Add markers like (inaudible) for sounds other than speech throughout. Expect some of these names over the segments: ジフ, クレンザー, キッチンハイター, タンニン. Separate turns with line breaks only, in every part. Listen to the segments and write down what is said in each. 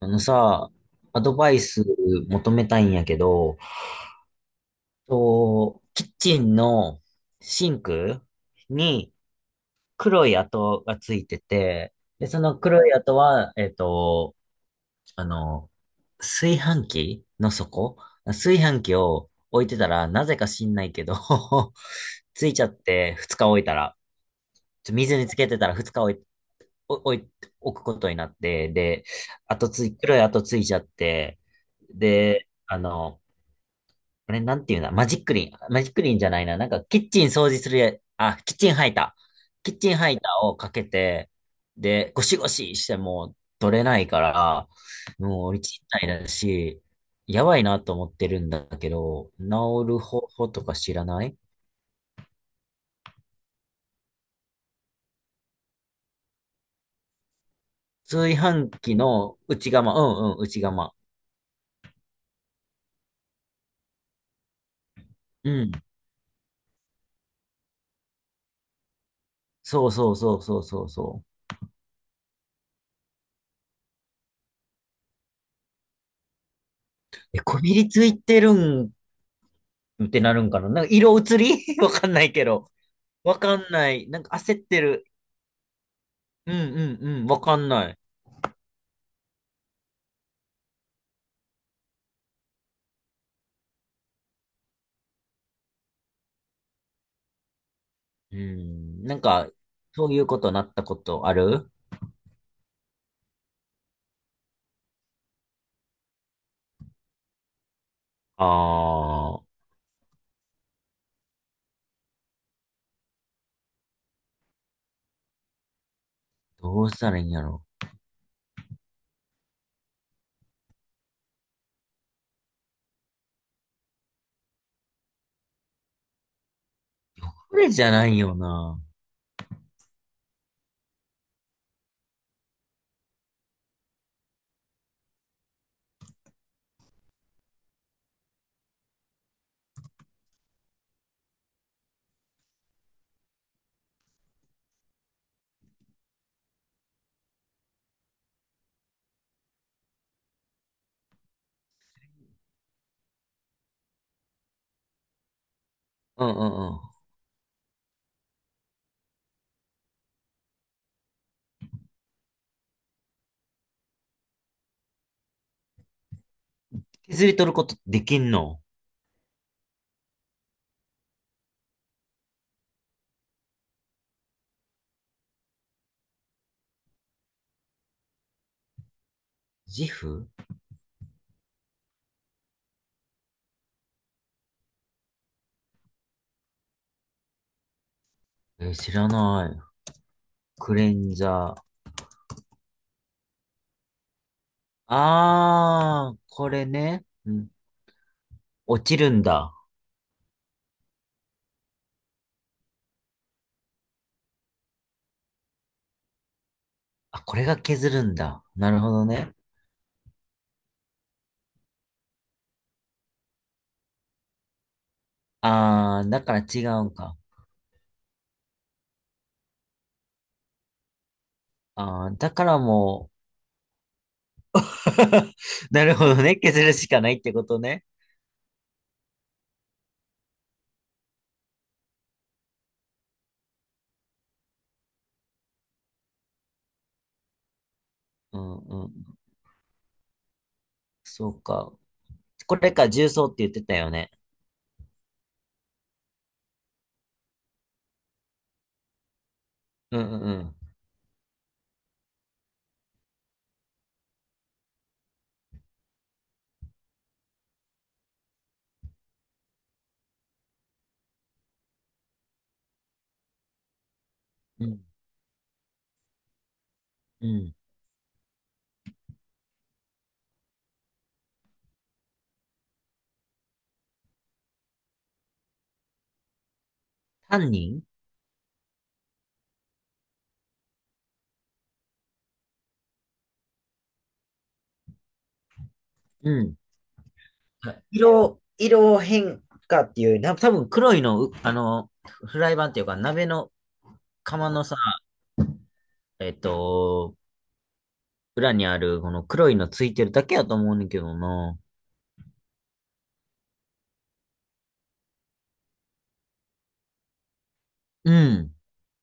あのさ、アドバイス求めたいんやけど、キッチンのシンクに黒い跡がついてて、で、その黒い跡は、あの、炊飯器の底炊飯器を置いてたら、なぜか知んないけど (laughs) ついちゃって2日置いたら、水につけてたら2日置い、お置い、置くことになって、で、跡つい、黒い跡ついちゃって、で、あれ、なんていうんだ、マジックリン。マジックリンじゃないな。なんか、キッチン掃除するや、あ、キッチンハイター。キッチンハイターをかけて、で、ゴシゴシしても取れないから、もう俺ないだし、やばいなと思ってるんだけど、治る方法とか知らない。炊飯器の内釜、うんうん、内釜。うん。そうそうそうそうそうそう。え、こびりついてるんってなるんかな。なんか色移り (laughs) わかんないけど。わかんない。なんか焦ってる。うんうんうん、わかんない。うん、なんか、そういうことなったことある？ああー、どうしたらいいんやろ。これじゃないよな。うんうんうん。削り取ることできんの？ジフ？えー、知らない。クレンザー。ああ、これね。うん。落ちるんだ。あ、これが削るんだ。なるほどね。ああ、だから違うんか。ああ、だからもう、(laughs) なるほどね。削るしかないってことね。うんうん。そうか。これか、重曹って言ってたよね。うんうんうん。うん。うん。タンニン。うん。はい。色変化っていう、な、多分黒いの、あの、フライパンっていうか、鍋の釜のさ、えっと、裏にある、この黒いのついてるだけやと思うねんけどな。うん。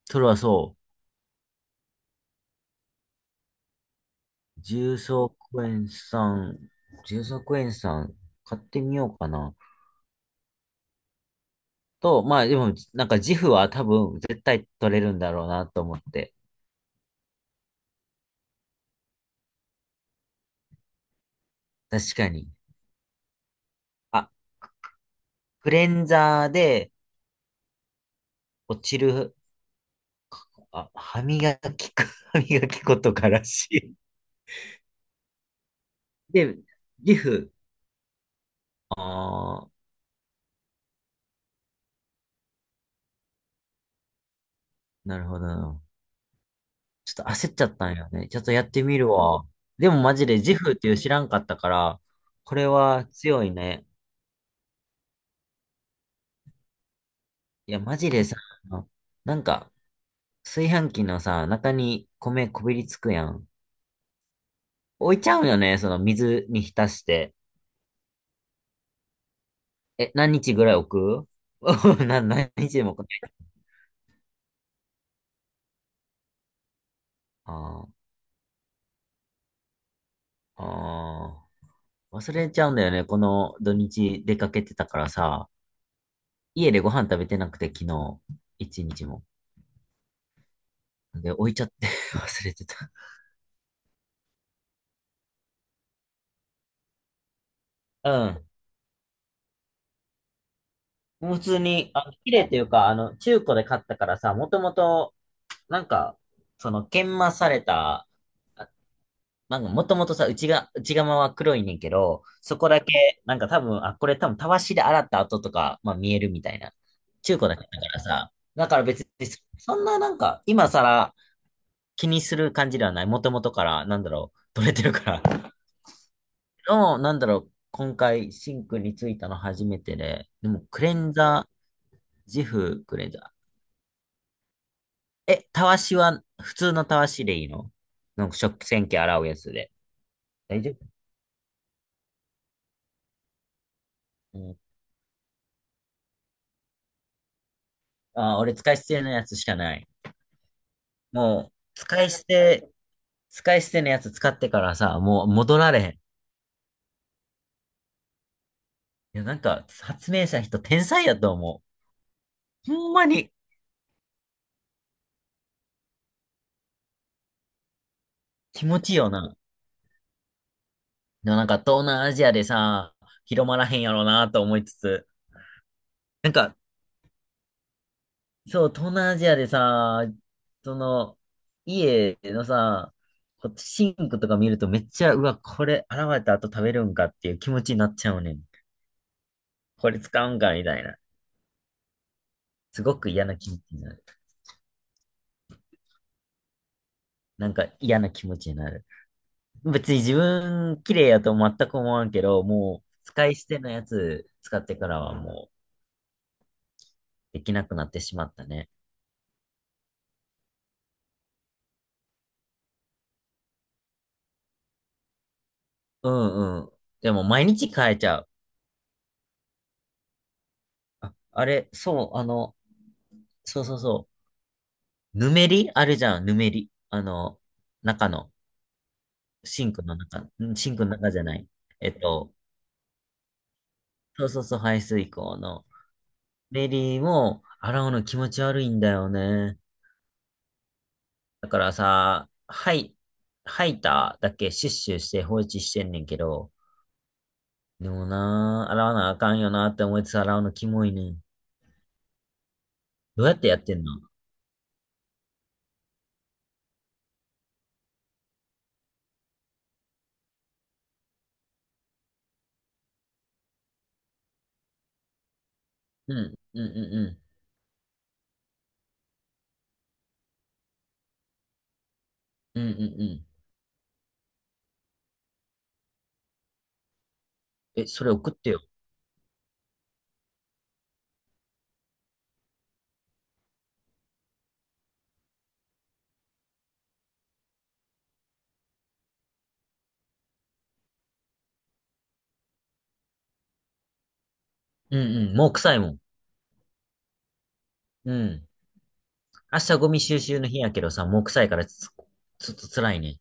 それはそう。重曹クエン酸、買ってみようかな。まあでも、なんか自負は多分絶対取れるんだろうなと思って。確かに。あ、クレンザーで落ちる、あ、歯磨き粉、(laughs) 歯磨き粉とからしい。で、リフ。ああ、なるほど。ちょっと焦っちゃったんよね。ちょっとやってみるわ。でもマジでジフっていう知らんかったから、これは強いね。いや、マジでさ、なんか、炊飯器のさ、中に米こびりつくやん。置いちゃうよね、その水に浸して。え、何日ぐらい置く？ (laughs) な、何日でも置くね。ああ。ああ、忘れちゃうんだよね。この土日出かけてたからさ、家でご飯食べてなくて、昨日、一日も。で、置いちゃって (laughs) 忘れてた。うん。普通に、あ、綺麗というか、中古で買ったからさ、もともと、なんか、その、研磨された、あなんか、もともとさ、内側は黒いねんけど、そこだけ、なんか多分、あ、これ多分、たわしで洗った跡とか、まあ見えるみたいな。中古だけだからさ、だから別に、そんななんか、今更、気にする感じではない。もともとから、なんだろう、取れてるから。(laughs) の、なんだろう、今回、シンクについたの初めてで、でも、クレンザー、ジフクレンザー。え、たわしは、普通のたわしでいいの？なんか食洗機洗うやつで。大丈夫、うん、俺使い捨てのやつしかない。もう、使い捨てのやつ使ってからさ、もう戻られへん。いや、なんか、発明した人天才やと思う。ほんまに気持ちいいよな。でもなんか東南アジアでさ、広まらへんやろうなと思いつつ、なんか、そう、東南アジアでさ、その、家のさ、こうシンクとか見るとめっちゃ、うわ、これ洗われた後食べるんかっていう気持ちになっちゃうねん。これ使うんかみたいな。すごく嫌な気持ちになる。なんか嫌な気持ちになる。別に自分綺麗やと全く思わんけど、もう使い捨てのやつ使ってからはもうできなくなってしまったね。うんうん。でも毎日変えちゃう。あ、あれ、そう、そうそうそう。ぬめりあるじゃん、ぬめり。あの、中の、シンクの中、シンクの中じゃない。えっと、そうそうそう、排水口の。ぬめりも、洗うの気持ち悪いんだよね。だからさ、はい、吐いただけシュッシュして放置してんねんけど、でもな、洗わなあかんよなって思いつつ洗うのキモいねん。どうやってやってんの？うん、うん、うん、うん、うん、うん、うん。え、それ送ってよ。うん、うん、もう臭いもん。うん。明日ゴミ収集の日やけどさ、もう臭いからちょっと辛いね。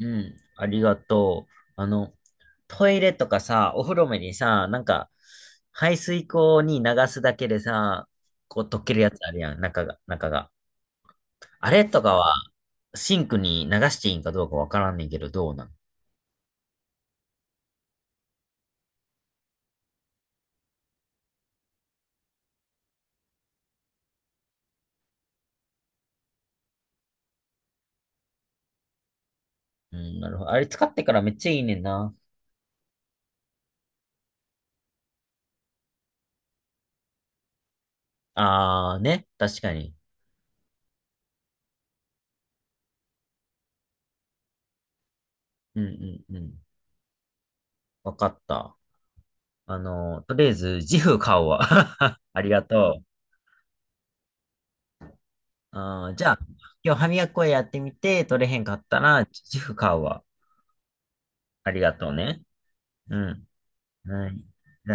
うん。ありがとう。あの、トイレとかさ、お風呂目にさ、なんか、排水口に流すだけでさ、こう溶けるやつあるやん、中が。あれとかは、シンクに流していいんかどうかわからんねんけど、どうなん？うん、なるほど。あれ使ってからめっちゃいいねんな。あーね、確かに。うんうんうん。わかった。あの、とりあえず、ジフ買おうわ。(laughs) ありがとう。あーじゃあ、今日歯磨き粉やってみて、取れへんかったら、自負買うわ。ありがとうね。うん。はい。じゃあね。